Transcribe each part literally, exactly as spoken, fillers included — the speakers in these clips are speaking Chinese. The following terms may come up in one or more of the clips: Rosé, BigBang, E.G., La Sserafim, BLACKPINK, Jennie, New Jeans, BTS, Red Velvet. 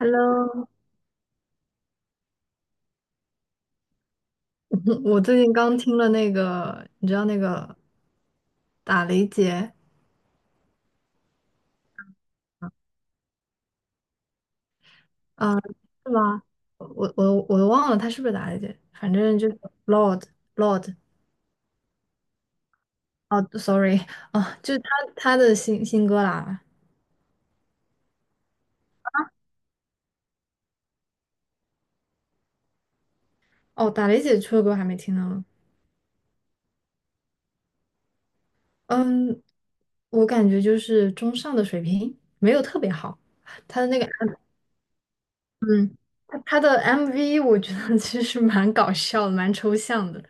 Hello，我最近刚听了那个，你知道那个打雷姐啊，是吗？我我我都忘了她是不是打雷姐，反正就是 Lord Lord 哦，sorry 啊，就是她她的新新歌啦。哦，打雷姐出的歌还没听呢。嗯，我感觉就是中上的水平，没有特别好。她的那个嗯，她她的 M V 我觉得其实蛮搞笑的，蛮抽象的，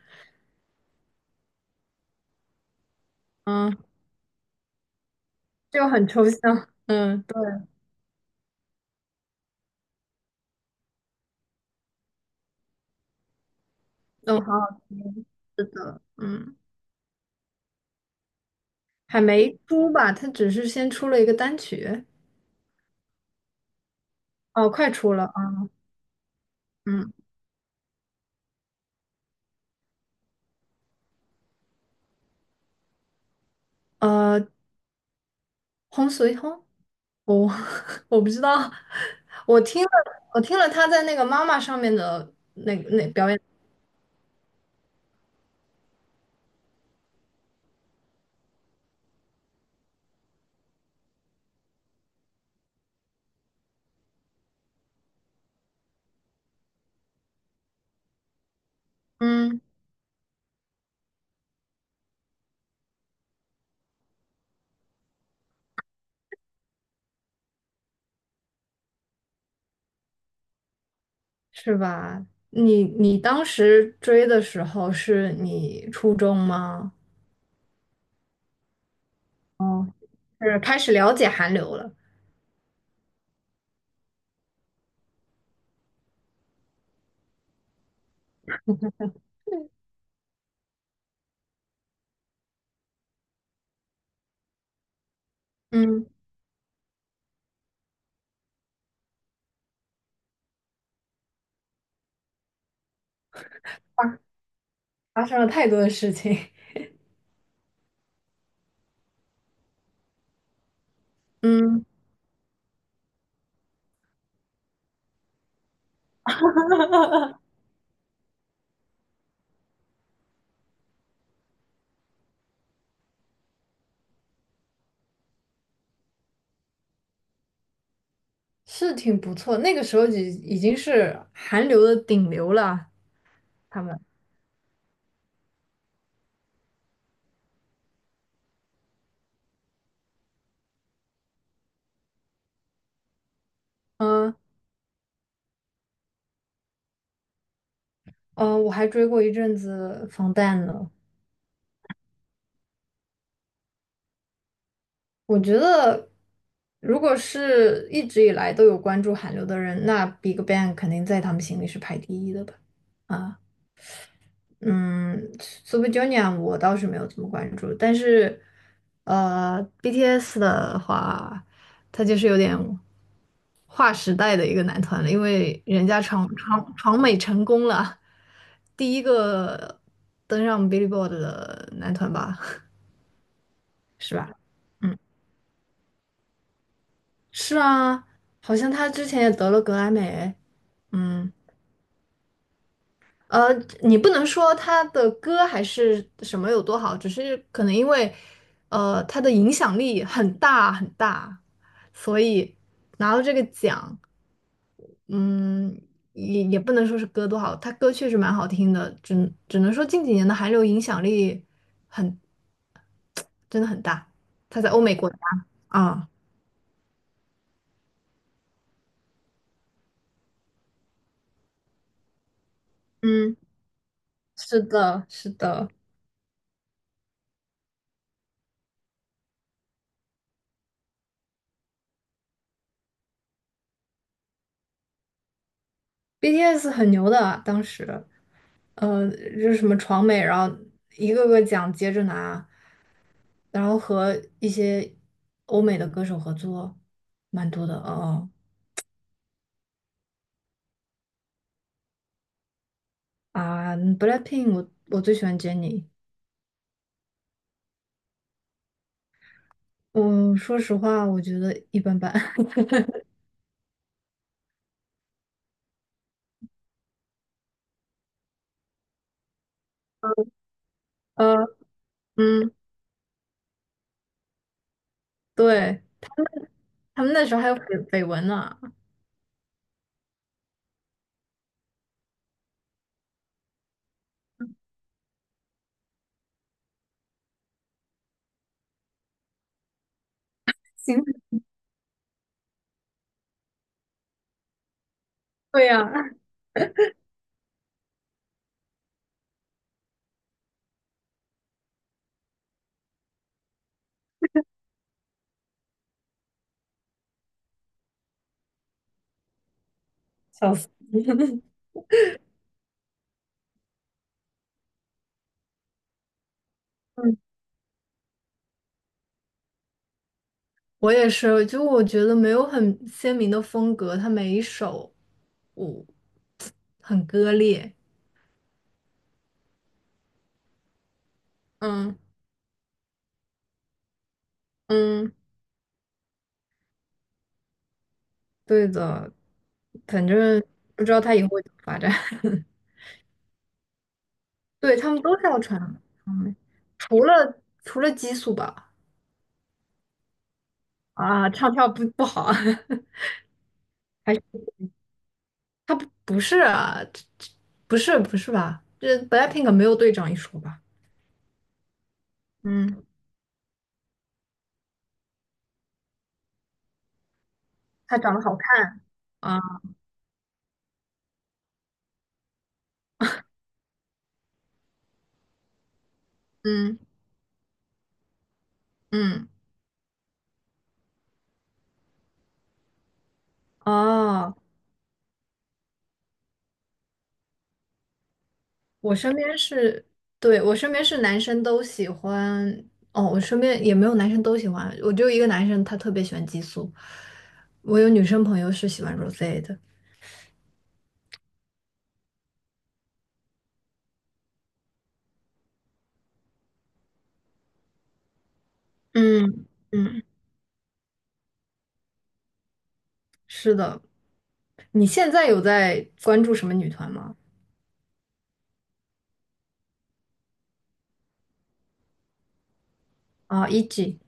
嗯，就很抽象，嗯。对。哦，好好听，是的，嗯，还没出吧？它只是先出了一个单曲，哦，快出了啊，嗯，呃，轰随轰，我 我不知道，我听了，我听了他在那个妈妈上面的那个那表演，嗯，是吧？你你当时追的时候是你初中吗？哦，是开始了解韩流了，嗯，发生了太多的事情，嗯。是挺不错，那个时候已已经是韩流的顶流了。他们，嗯嗯，我还追过一阵子防弹呢。我觉得，如果是一直以来都有关注韩流的人，那 BigBang 肯定在他们心里是排第一的吧？啊。嗯，Super Junior 我倒是没有怎么关注，但是，呃，B T S 的话，他就是有点划时代的一个男团了，因为人家闯闯闯美成功了，第一个登上 Billboard 的男团吧，是吧？嗯，是啊，好像他之前也得了格莱美，嗯，呃，你不能说他的歌还是什么有多好，只是可能因为，呃，他的影响力很大很大，所以拿到这个奖，嗯，也也不能说是歌多好，他歌确实蛮好听的，只只能说近几年的韩流影响力很，真的很大，他在欧美国家啊，嗯，是的，是的，B T S 很牛的，当时，呃，就是什么闯美，然后一个个奖接着拿。然后和一些欧美的歌手合作，蛮多的哦。啊嗯，BLACKPINK，我我最喜欢 Jennie。嗯，说实话，我觉得一般般。呃，嗯，对，他们那时候还有绯绯闻呢。行，对呀、笑死。嗯，我也是，就我觉得没有很鲜明的风格，他每一首我很割裂。嗯嗯，对的，反正不知道他以后会怎么发展。对，他们都是要穿长眉，除了除了激素吧，啊，唱跳不不好啊，还是他不不是啊，这这不是不是吧？这 BLACKPINK 没有队长一说吧？嗯，他长得好看啊，嗯嗯，哦，我身边是，对，我身边是男生都喜欢，哦，我身边也没有男生都喜欢，我就一个男生他特别喜欢激素，我有女生朋友是喜欢 Rosé 的，嗯嗯，是的。你现在有在关注什么女团吗？啊，E G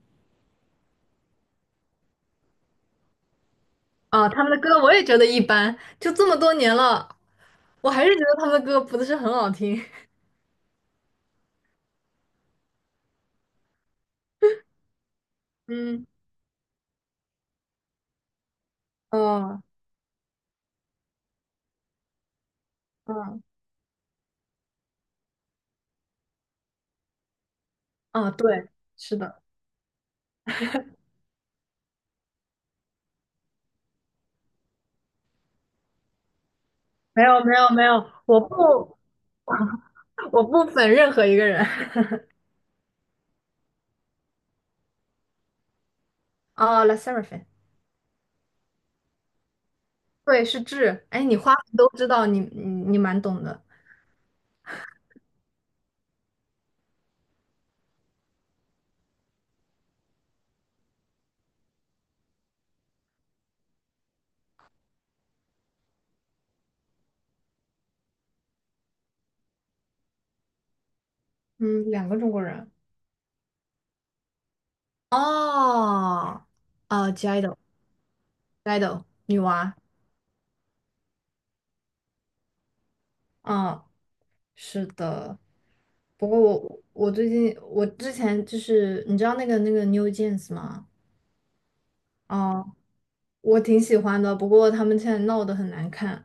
啊，他们的歌我也觉得一般，就这么多年了，我还是觉得他们的歌不是很好听。嗯，哦，嗯，啊，对，是的，没有没有没有，我不我不粉任何一个人。哦，La Sserafim，对，是智。哎，你花粉都知道，你你你蛮懂的。嗯，两个中国人。哦，啊 j i d o j i d o 女娃。嗯，是的。不过我我最近我之前就是你知道那个那个 New Jeans 吗？哦，我挺喜欢的，不过他们现在闹得很难看。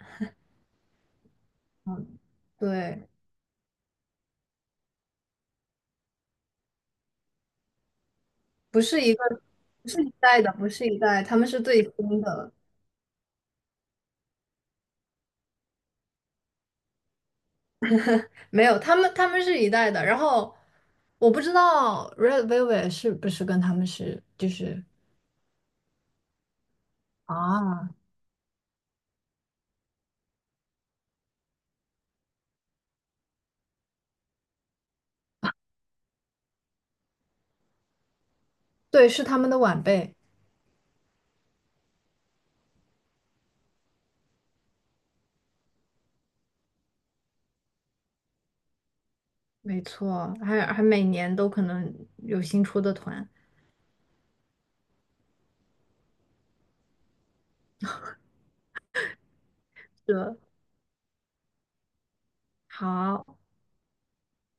嗯，对，不是一个，不是一代的，不是一代，他们是最新的。没有，他们他们是一代的。然后我不知道 Red Velvet 是不是跟他们是就是啊，对，是他们的晚辈，没错，还还每年都可能有新出的团。是好。